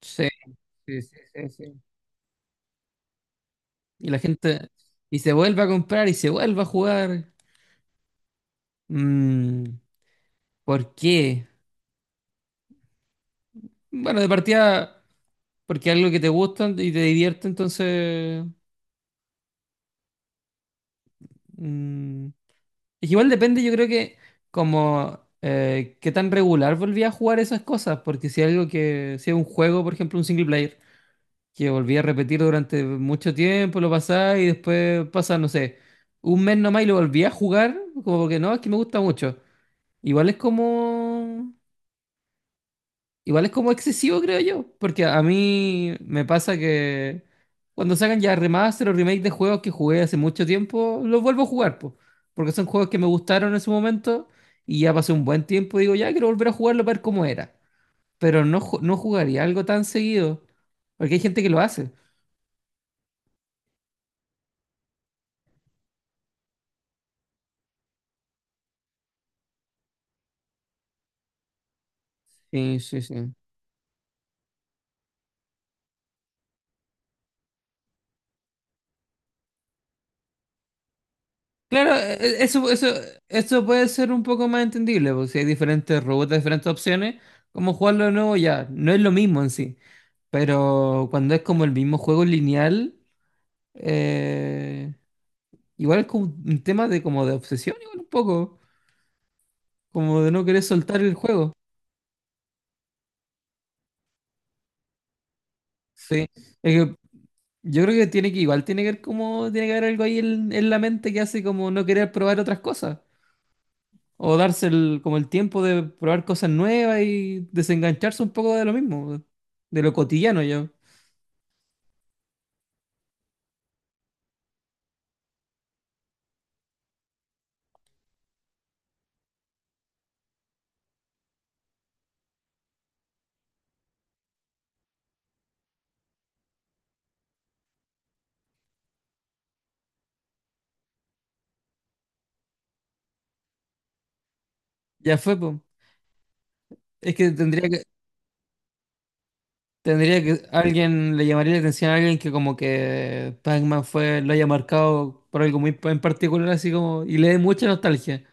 Sí, sí, sí, sí, sí. Y la gente, y se vuelve a comprar y se vuelve a jugar. Mm, ¿Por qué? Bueno, de partida, porque es algo que te gusta y te divierte, entonces... mm, es que igual depende, yo creo que como qué tan regular volví a jugar esas cosas, porque si algo que, si es un juego, por ejemplo, un single player, que volví a repetir durante mucho tiempo, lo pasaba y después pasa, no sé, un mes nomás y lo volví a jugar, como porque no, es que me gusta mucho. Igual es como, igual es como excesivo, creo yo, porque a mí me pasa que cuando sacan ya remaster o remake de juegos que jugué hace mucho tiempo, los vuelvo a jugar, po, porque son juegos que me gustaron en su momento y ya pasó un buen tiempo y digo, ya quiero volver a jugarlo para ver cómo era, pero no, no jugaría algo tan seguido, porque hay gente que lo hace. Sí, sí, sí. Claro, eso, eso, eso puede ser un poco más entendible, porque si hay diferentes robots, diferentes opciones, como jugarlo de nuevo ya, no es lo mismo en sí. Pero cuando es como el mismo juego lineal, eh, igual es como un tema de como de obsesión, igual un poco, como de no querer soltar el juego. Sí. Es que yo creo que tiene que, igual tiene que ver como, tiene que haber algo ahí en la mente que hace como no querer probar otras cosas. O darse el, como el tiempo de probar cosas nuevas y desengancharse un poco de lo mismo, de lo cotidiano ya. Ya fue, pues. Es que tendría que, tendría que, alguien le llamaría la atención a alguien que como que Pac-Man fue, lo haya marcado por algo muy en particular, así como, y le dé mucha nostalgia.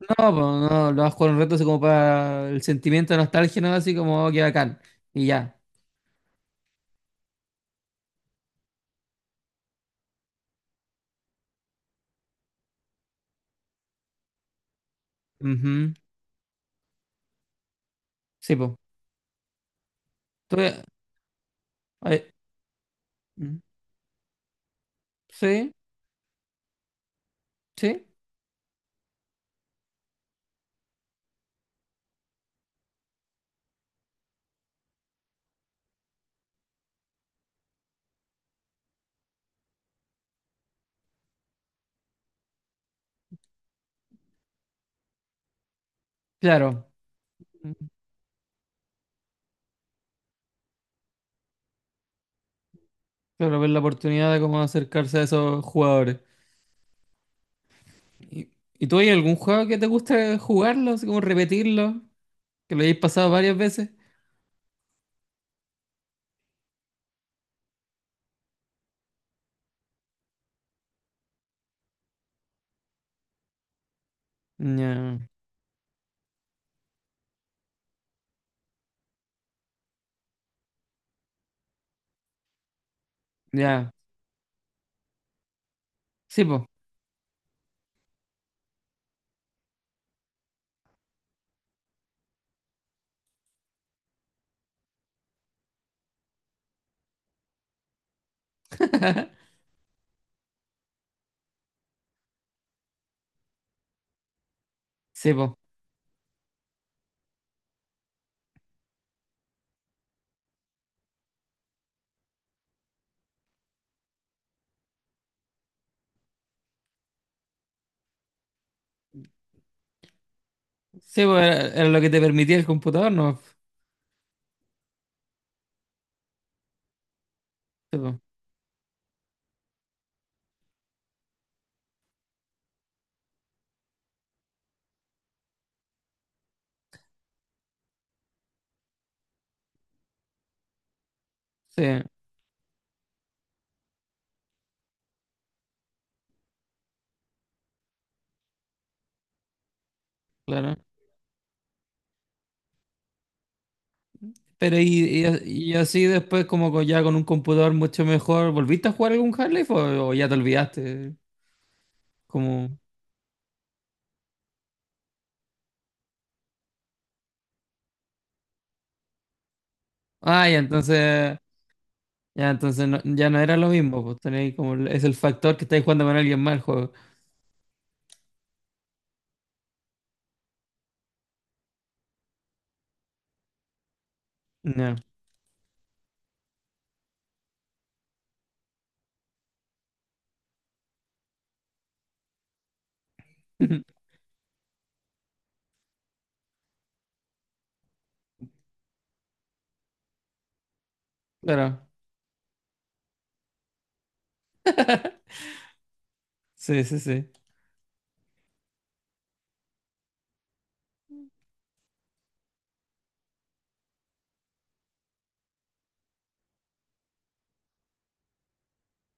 No, pues no, lo vas a jugar un rato así como para el sentimiento de nostalgia, ¿no? Así como, oh, qué bacán. Y ya. Ujú. Sí, pues. Sí, sí, claro. Claro, ver la oportunidad de cómo acercarse a esos jugadores. ¿Y, y tú hay algún juego que te guste jugarlo, así como repetirlo, que lo hayáis pasado varias veces? Ya, ya. Sí, po, sí, po. Sí, po, era, era lo que te permitía el computador, ¿no? Sí, po. Sí, claro. Pero y así después, como ya con un computador mucho mejor, ¿volviste a jugar algún half o ya te olvidaste? Como, ah, ya entonces, ya entonces ya no era lo mismo, pues tenéis como, es el factor que estáis jugando con alguien más el juego. Ya. Claro. Sí, sí, sí.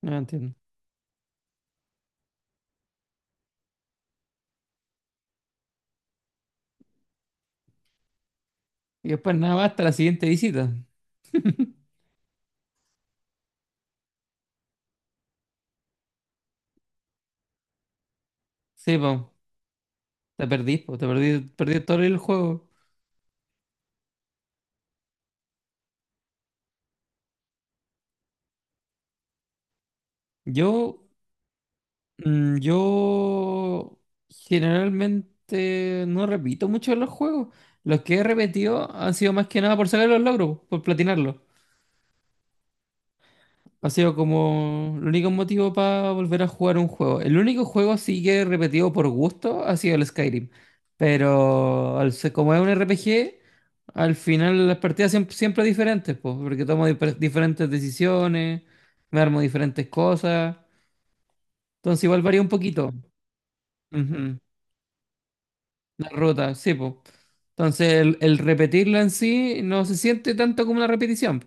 No entiendo. Y después nada hasta la siguiente visita. Sí, po. Te perdí, po. Te perdí, perdí todo el juego. Yo, yo generalmente no repito mucho los juegos. Los que he repetido han sido más que nada por sacar los logros, por platinarlos. Ha sido como el único motivo para volver a jugar un juego. El único juego sí que he repetido por gusto ha sido el Skyrim. Pero al como es un RPG, al final las partidas siempre, siempre diferentes, pues, porque tomo diferentes decisiones, me armo diferentes cosas. Entonces igual varía un poquito. Ujú. La ruta, sí, pues. Entonces el repetirla en sí no se siente tanto como una repetición.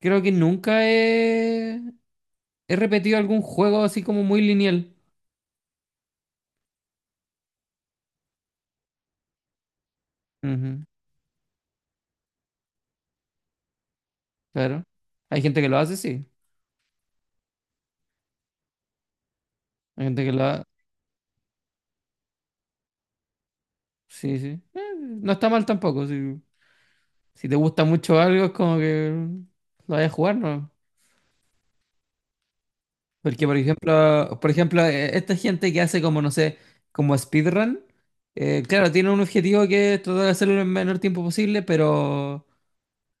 Creo que nunca he, he repetido algún juego así como muy lineal. Ujú, claro. Hay gente que lo hace, sí. Hay gente que lo hace. Sí, sí. No está mal tampoco. Si, si te gusta mucho algo, es como que lo vayas a jugar, ¿no? Porque, por ejemplo, esta gente que hace como, no sé, como speedrun, claro, tiene un objetivo que es tratar de hacerlo en el menor tiempo posible, pero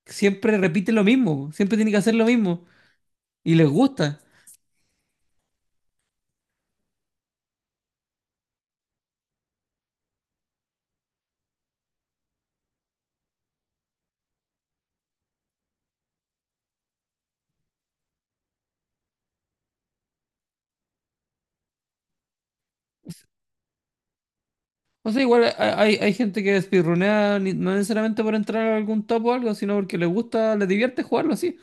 siempre repite lo mismo. Siempre tiene que hacer lo mismo. Y les gusta. O sea, igual hay, hay gente que speedrunea no necesariamente por entrar a algún top o algo, sino porque les gusta, le divierte jugarlo así.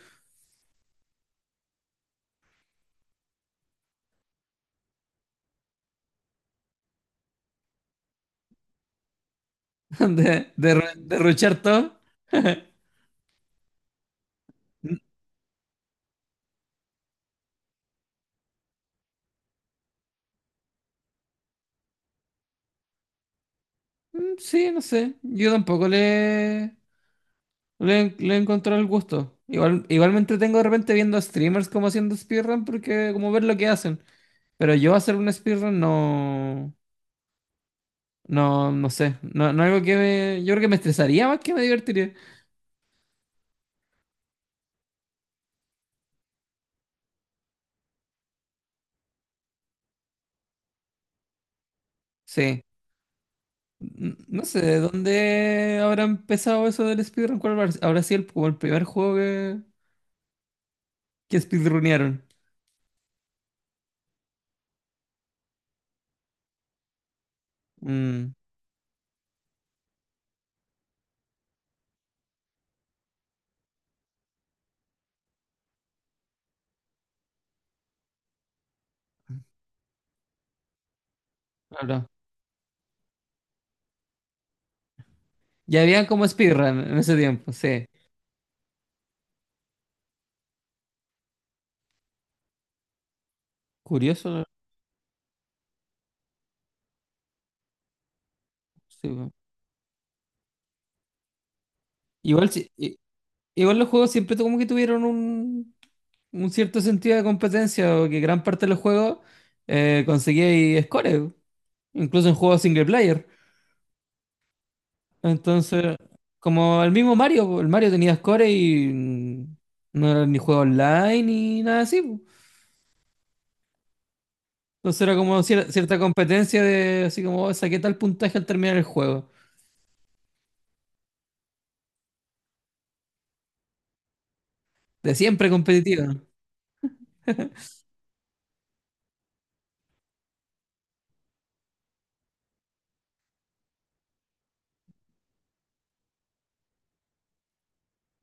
derrochar todo. Sí, no sé. Yo tampoco le encontré el gusto. Igual, igual me entretengo de repente viendo streamers como haciendo speedrun porque como ver lo que hacen. Pero yo hacer un speedrun no, no, no sé. No, no algo que me, yo creo que me estresaría más que me divertiría. Sí. No sé de dónde habrá empezado eso del speedrun. ¿Cuál habrá sido el, como el primer juego que speedrunearon? Mm, no, no. Ya habían como speedrun en ese tiempo, sí. Curioso, sí, po. Igual, igual los juegos siempre como que tuvieron un cierto sentido de competencia, o que gran parte de los juegos conseguía ahí scores, incluso en juegos single player. Entonces, como el mismo Mario, po, el Mario tenía scores y no era ni juego online ni nada así. Po. Entonces era como cierta competencia de así como "Oh, saqué tal puntaje al terminar el juego". De siempre competitiva.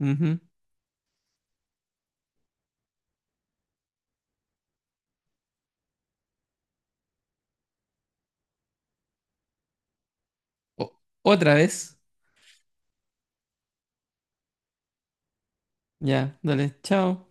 Ujú. Otra vez. Ya, dale, chao.